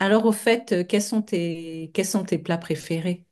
Alors, au fait, quels sont tes plats préférés?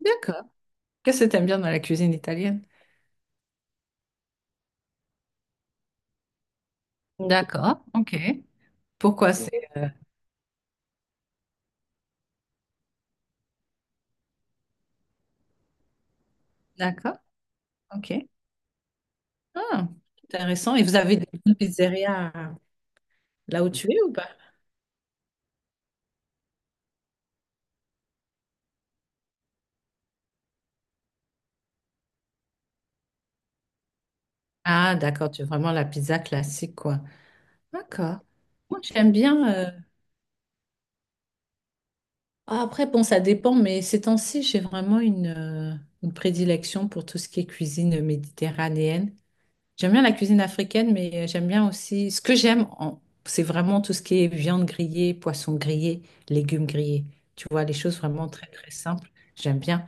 D'accord. Qu'est-ce que t'aimes bien dans la cuisine italienne? D'accord. OK. Pourquoi c'est? D'accord. OK. Ah, intéressant. Et vous avez des bonnes pizzerias là où tu es ou pas? Ah, d'accord, tu veux vraiment la pizza classique, quoi. D'accord. Moi, j'aime bien. Ah, après, bon, ça dépend, mais ces temps-ci, j'ai vraiment une prédilection pour tout ce qui est cuisine méditerranéenne. J'aime bien la cuisine africaine, mais j'aime bien aussi. Ce que j'aime, c'est vraiment tout ce qui est viande grillée, poisson grillé, légumes grillés. Tu vois, les choses vraiment très, très simples. J'aime bien.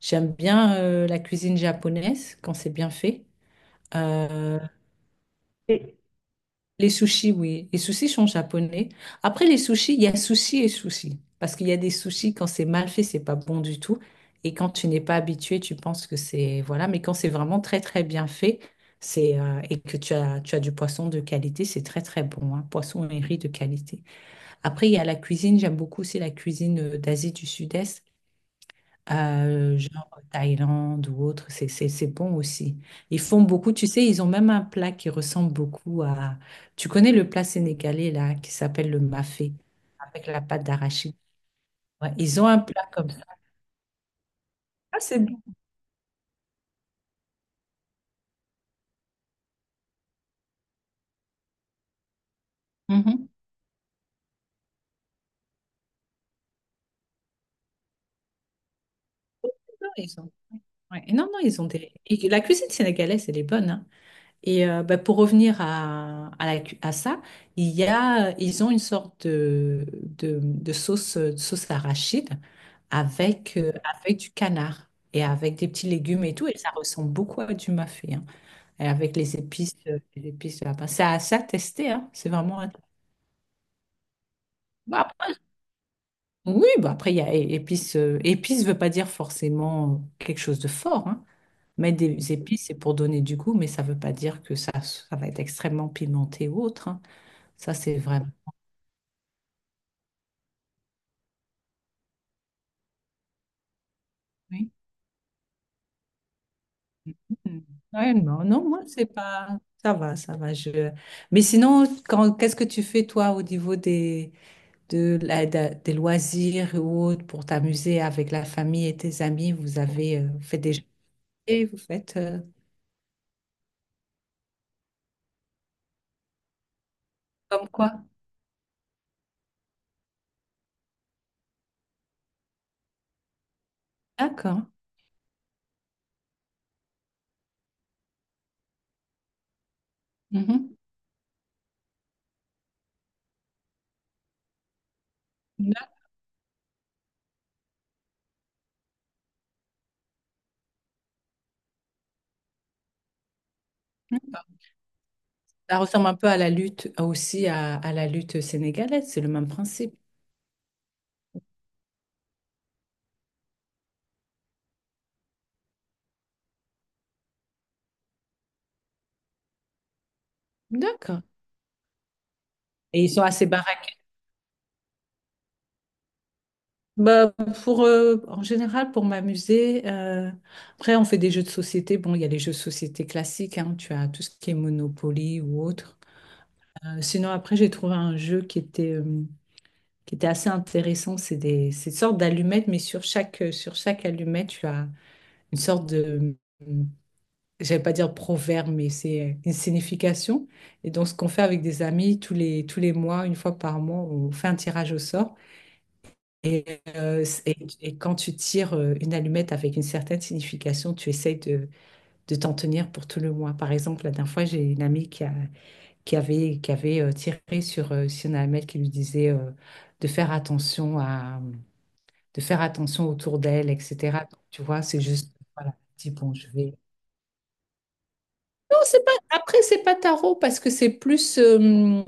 J'aime bien la cuisine japonaise quand c'est bien fait. Euh, les sushis, oui. Les sushis sont japonais. Après les sushis, il y a sushi et sushi. Parce qu'il y a des sushis, quand c'est mal fait, c'est pas bon du tout. Et quand tu n'es pas habitué, tu penses que c'est... Voilà. Mais quand c'est vraiment très, très bien fait, et que tu as du poisson de qualité, c'est très, très bon, hein. Poisson et riz de qualité. Après, il y a la cuisine. J'aime beaucoup aussi la cuisine d'Asie du Sud-Est genre Thaïlande ou autre, c'est bon aussi. Ils font beaucoup, tu sais, ils ont même un plat qui ressemble beaucoup à... Tu connais le plat sénégalais, là, qui s'appelle le mafé, avec la pâte d'arachide. Ouais, ils ont un plat comme ça. Ah, c'est bon. Mhm. Non, ils ont... ouais. Non, non, ils ont des... et la cuisine sénégalaise, elle est bonne, hein. Et bah, pour revenir la à ça, il y a, ils ont une sorte de sauce, sauce arachide avec, avec du canard et avec des petits légumes et tout. Et ça ressemble beaucoup à du mafé, hein, et avec les épices de là-bas. C'est à tester, hein, c'est vraiment... Bah, oui, bah après, il y a épices. Épices ne veut pas dire forcément quelque chose de fort, hein. Mettre des épices, c'est pour donner du goût, mais ça ne veut pas dire que ça va être extrêmement pimenté ou autre, hein. Ça, c'est vraiment. Oui. Hmm. Réellement. Non, non, moi, c'est pas. Ça va, ça va. Je... Mais sinon, quand... qu'est-ce que tu fais, toi, au niveau des, des loisirs ou autres pour t'amuser avec la famille et tes amis? Vous avez fait des jeux, vous faites comme quoi? D'accord. Mhm. D'accord. Ça ressemble un peu à la lutte aussi, à la lutte sénégalaise. C'est le même principe. D'accord. Et ils sont assez barrés. Bah, pour, en général, pour m'amuser, après, on fait des jeux de société. Bon, il y a les jeux de société classiques, hein, tu as tout ce qui est Monopoly ou autre. Sinon, après, j'ai trouvé un jeu qui était assez intéressant. C'est une sorte d'allumette, mais sur sur chaque allumette, tu as une sorte de, euh, j'allais pas dire proverbe, mais c'est une signification. Et donc, ce qu'on fait avec des amis, tous les mois, une fois par mois, on fait un tirage au sort. Et, et quand tu tires une allumette avec une certaine signification, tu essayes de t'en tenir pour tout le mois. Par exemple, la dernière fois, j'ai une amie qui avait tiré sur une allumette qui lui disait de faire attention à, de faire attention autour d'elle, etc. Donc, tu vois, c'est juste, voilà, dis bon, je vais. Non, c'est pas. Après, c'est pas tarot parce que c'est plus.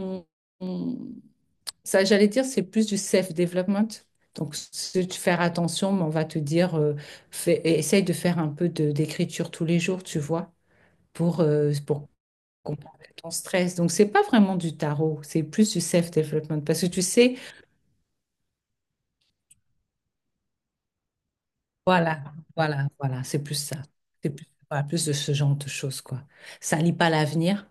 hum, Ça, j'allais dire, c'est plus du self-development. Donc, c'est de faire attention, mais on va te dire, essaye de faire un peu d'écriture tous les jours, tu vois, pour combattre ton stress. Donc, c'est pas vraiment du tarot, c'est plus du self-development. Parce que tu sais, voilà, voilà, c'est plus ça. C'est plus, voilà, plus de ce genre de choses, quoi. Ça lit pas l'avenir.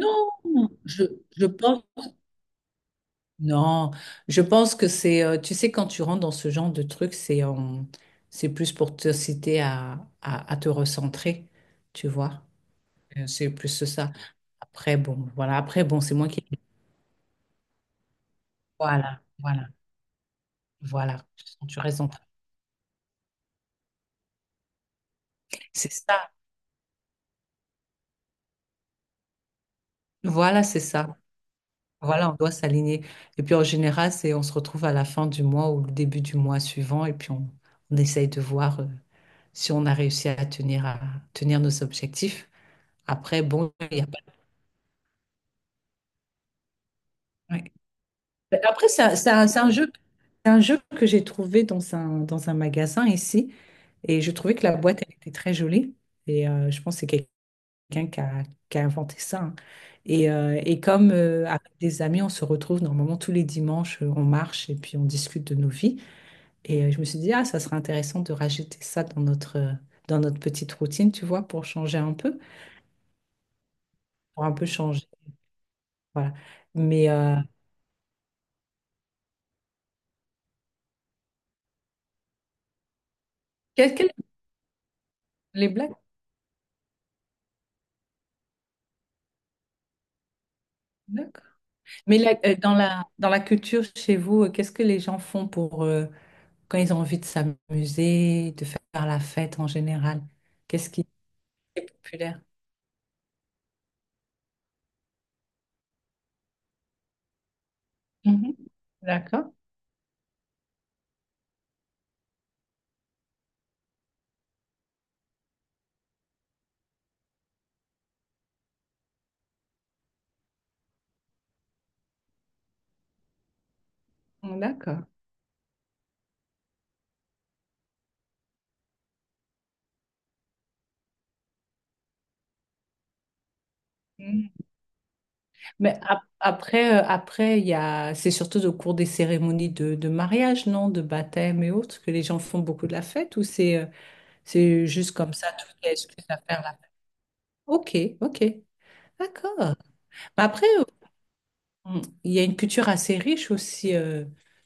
Non, je, je pense. Non, je pense que c'est, tu sais, quand tu rentres dans ce genre de truc, c'est plus pour te citer à te recentrer, tu vois. C'est plus ça. Après, bon, voilà. Après, bon, c'est moi qui. Voilà, voilà. Tu raison. C'est ça. Voilà, c'est ça. Voilà, on doit s'aligner. Et puis en général, c'est on se retrouve à la fin du mois ou le début du mois suivant, et puis on essaye de voir si on a réussi à tenir nos objectifs. Après, bon, il n'y a pas. Mais après, c'est un jeu que j'ai trouvé dans un magasin ici. Et je trouvais que la boîte, elle était très jolie. Et je pense que c'est quelqu'un qui a inventé ça, hein. Et comme avec des amis, on se retrouve normalement tous les dimanches, on marche et puis on discute de nos vies. Et je me suis dit, ah, ça serait intéressant de rajouter ça dans notre petite routine, tu vois, pour changer un peu, pour un peu changer. Voilà. Mais quelles- les blagues? Mais dans la culture chez vous, qu'est-ce que les gens font pour quand ils ont envie de s'amuser, de faire la fête en général? Qu'est-ce qui est populaire? Mhm. D'accord, d'accord. Mhm. Mais après, après, il y a, c'est surtout au cours des cérémonies de mariage, non, de baptême et autres, que les gens font beaucoup de la fête, ou c'est juste comme ça, toutes les excuses à faire la fête? Ok, ok, d'accord. Mais après, mm. Il y a une culture assez riche aussi euh,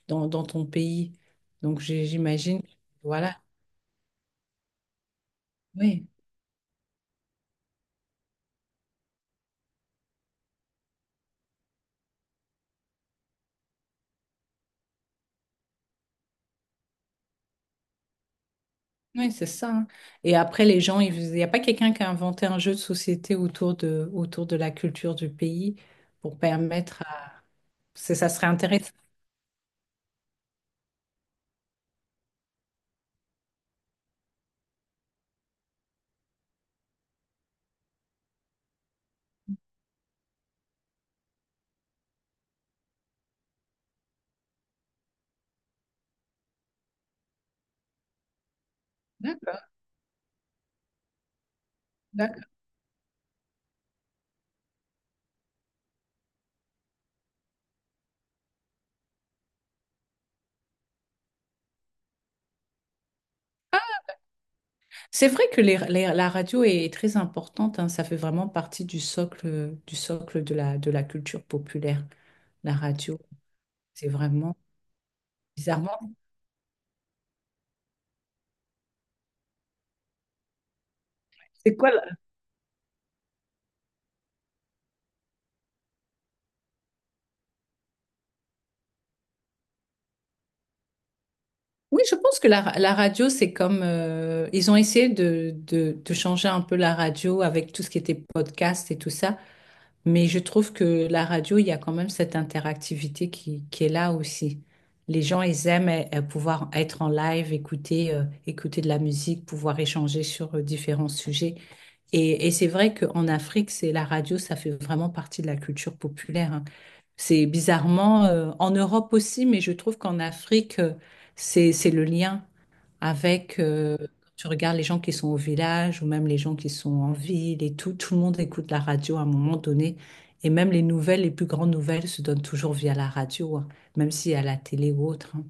dans, dans ton pays. Donc j'imagine, voilà, oui, oui, c'est ça, hein. Et après, les gens, il n'y a pas quelqu'un qui a inventé un jeu de société autour de la culture du pays pour permettre à... Ça serait intéressant. D'accord, d'accord. C'est vrai que la radio est très importante, hein. Ça fait vraiment partie du socle, de la culture populaire, la radio. C'est vraiment bizarrement. C'est quoi? Oui, je pense que la radio, c'est comme... ils ont essayé de changer un peu la radio avec tout ce qui était podcast et tout ça. Mais je trouve que la radio, il y a quand même cette interactivité qui est là aussi. Les gens, ils aiment pouvoir être en live, écouter, écouter de la musique, pouvoir échanger sur différents sujets. Et c'est vrai qu'en Afrique, c'est la radio, ça fait vraiment partie de la culture populaire, hein. C'est bizarrement, en Europe aussi, mais je trouve qu'en Afrique, c'est le lien avec, quand tu regardes les gens qui sont au village ou même les gens qui sont en ville et tout, tout le monde écoute la radio à un moment donné. Et même les nouvelles, les plus grandes nouvelles se donnent toujours via la radio, hein, même si à la télé ou autre, hein.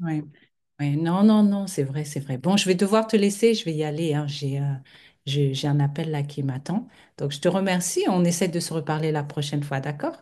Ouais, ouais, non, non, non, c'est vrai, c'est vrai. Bon, je vais devoir te laisser, je vais y aller, hein, j'ai j'ai un appel là qui m'attend. Donc, je te remercie, on essaie de se reparler la prochaine fois, d'accord?